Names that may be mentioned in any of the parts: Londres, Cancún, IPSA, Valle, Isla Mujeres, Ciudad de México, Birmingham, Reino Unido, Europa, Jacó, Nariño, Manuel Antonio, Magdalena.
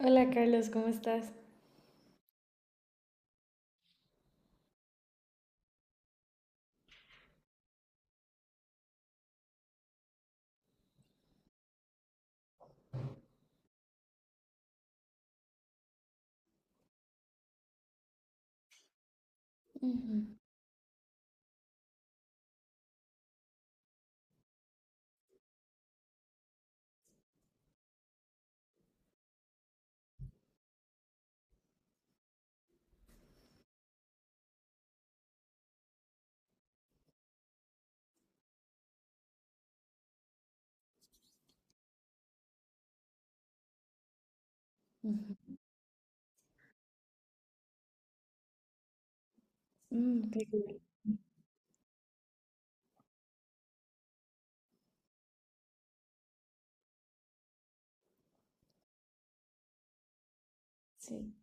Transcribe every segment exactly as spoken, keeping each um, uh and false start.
Hola Carlos, ¿cómo estás? Ujú, ujú. Mm, qué cool. Sí.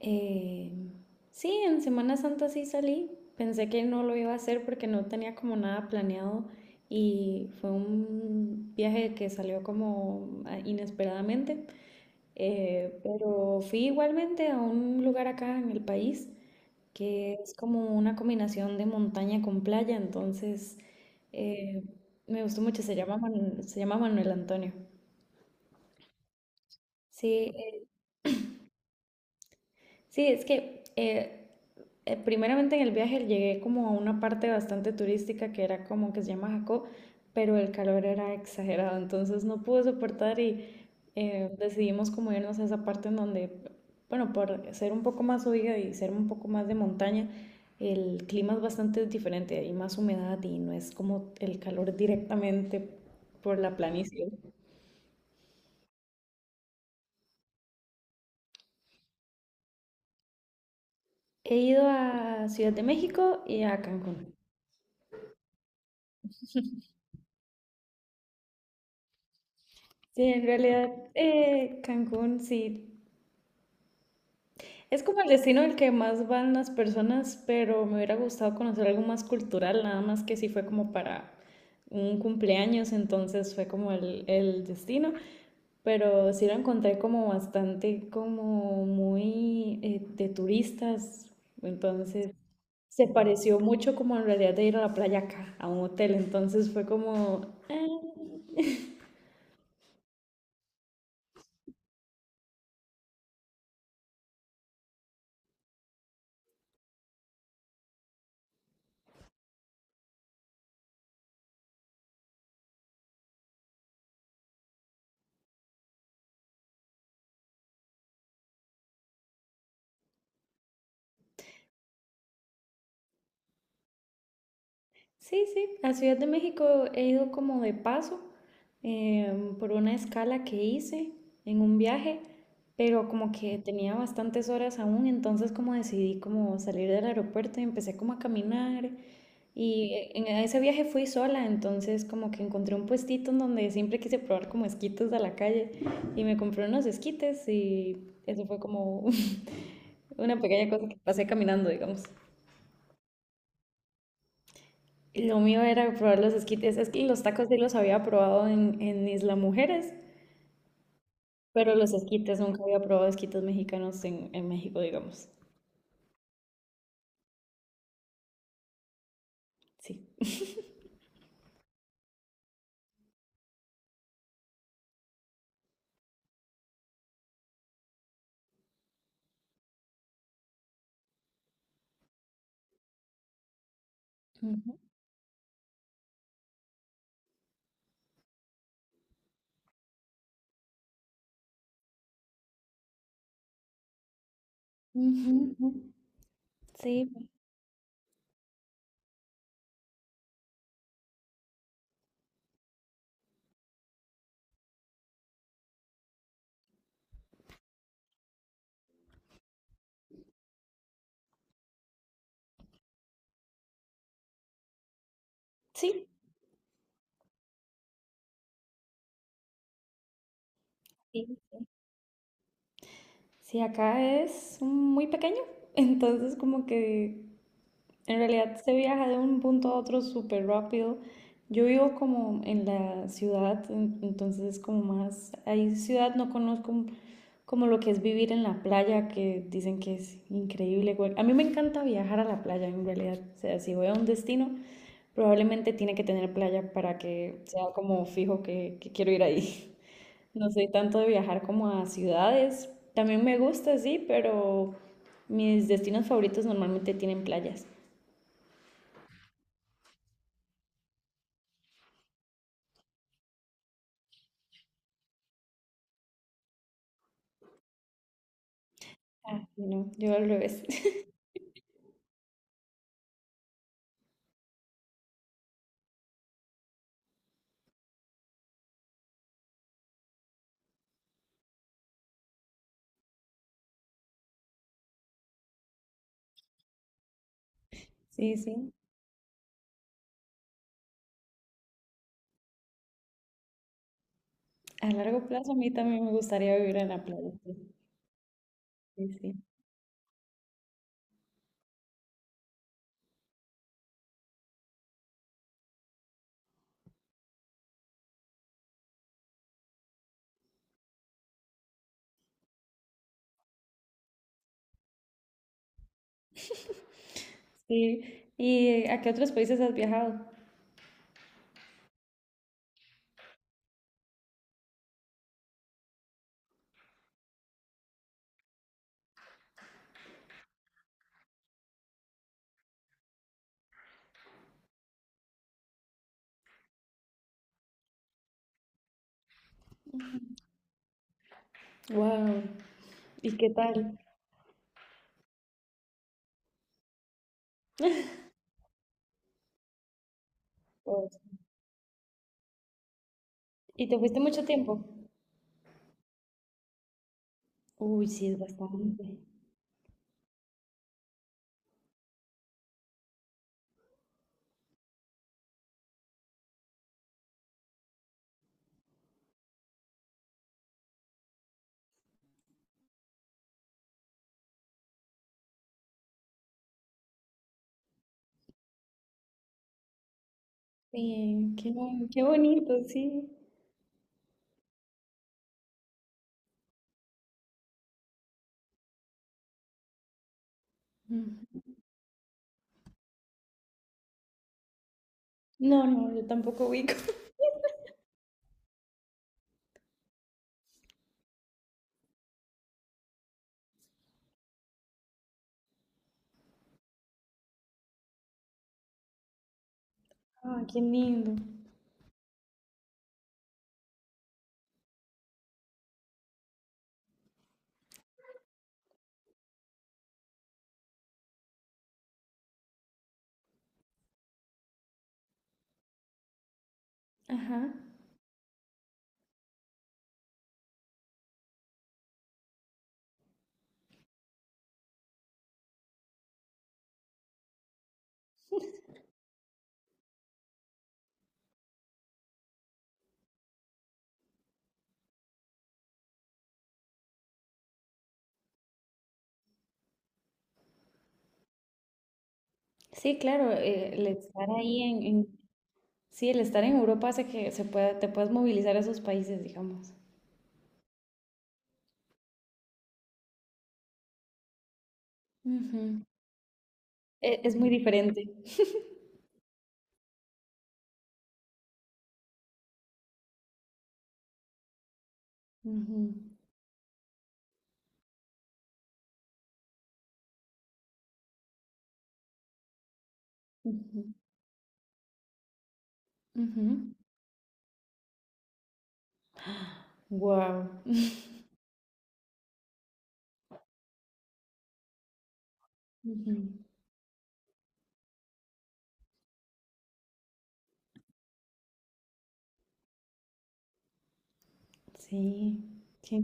Eh, sí, en Semana Santa sí salí. Pensé que no lo iba a hacer porque no tenía como nada planeado y fue un viaje que salió como ah, inesperadamente. Eh, pero fui igualmente a un lugar acá en el país que es como una combinación de montaña con playa, entonces eh, me gustó mucho. Se llama Manu- se llama Manuel Antonio. Sí, sí, es que eh, eh, primeramente en el viaje llegué como a una parte bastante turística que era como que se llama Jacó, pero el calor era exagerado, entonces no pude soportar y eh, decidimos como irnos a esa parte en donde, bueno, por ser un poco más oiga y ser un poco más de montaña, el clima es bastante diferente, hay más humedad y no es como el calor directamente por la planicie. He ido a Ciudad de México y a Cancún. Sí, en realidad eh, Cancún sí. Es como el destino al que más van las personas, pero me hubiera gustado conocer algo más cultural, nada más que sí fue como para un cumpleaños, entonces fue como el, el destino, pero sí lo encontré como bastante como muy eh, de turistas, entonces se pareció mucho como en realidad de ir a la playa acá, a un hotel, entonces fue como... "Ah, sí, sí, a Ciudad de México he ido como de paso em, por una escala que hice en un viaje, pero como que tenía bastantes horas aún, entonces como decidí como salir del aeropuerto y empecé como a caminar y eh, en ese viaje fui sola, entonces como que encontré un puestito en donde siempre quise probar como esquites de la calle y me compré unos esquites y eso fue como una pequeña cosa que pasé caminando, digamos. Lo mío era probar los esquites. Es que los tacos sí los había probado en, en Isla Mujeres, pero los esquites nunca había probado esquites mexicanos en, en México, digamos. Sí. Ujú, ujú, ujú. Sí, sí, sí. Sí, acá es muy pequeño, entonces como que en realidad se viaja de un punto a otro súper rápido. Yo vivo como en la ciudad, en- entonces es como más, ahí ciudad no conozco como lo que es vivir en la playa, que dicen que es increíble. A mí me encanta viajar a la playa, en realidad. O sea, si voy a un destino, probablemente tiene que tener playa para que sea como fijo que, que quiero ir ahí. No soy tanto de viajar como a ciudades. También me gusta, sí, pero mis destinos favoritos normalmente tienen playas. Ah, sí, no, yo al revés. Sí, sí. A largo plazo a mí también me gustaría vivir en la playa. Sí, sí, sí. Sí. ¿Y a qué otros países has viajado? Wow. ¿Y qué tal? Oh, ¿y te fuiste mucho tiempo? Uy, sí, es bastante. Sí, qué, bon- qué bonito, sí. Mm. No, no, yo tampoco ubico. Ah, qué lindo. Ajá. Sí, claro, eh, el estar ahí en, en- Sí, el estar en Europa hace que se pueda, te puedas movilizar a esos países, digamos. Ujú. E- Es muy diferente. Wow. Ujú. Sí, qué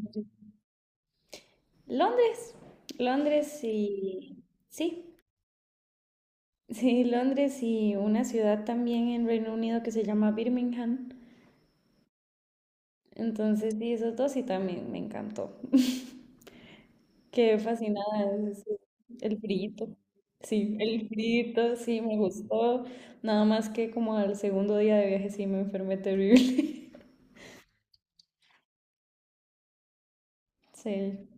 Londres, Londres y Sí, sí, Londres y una ciudad también en Reino Unido que se llama Birmingham. Entonces, sí, esos dos sí también me encantó. Qué fascinada, es- el frito. Sí, el frito, sí, me gustó. Nada más que como al segundo día de viaje sí me enfermé terrible. Sí.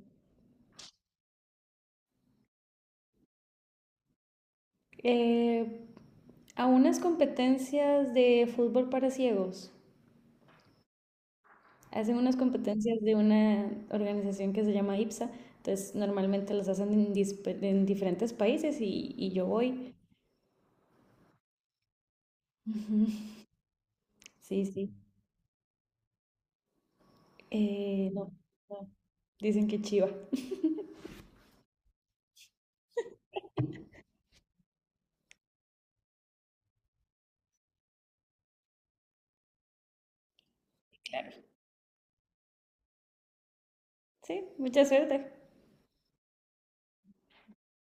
Eh, a unas competencias de fútbol para ciegos. Hacen unas competencias de una organización que se llama IPSA, entonces normalmente las hacen en, dispe- en diferentes países y, y yo voy. Ujú. Sí, sí. Eh, no, no. Dicen que chiva. Claro. Sí, mucha suerte.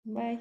Bye.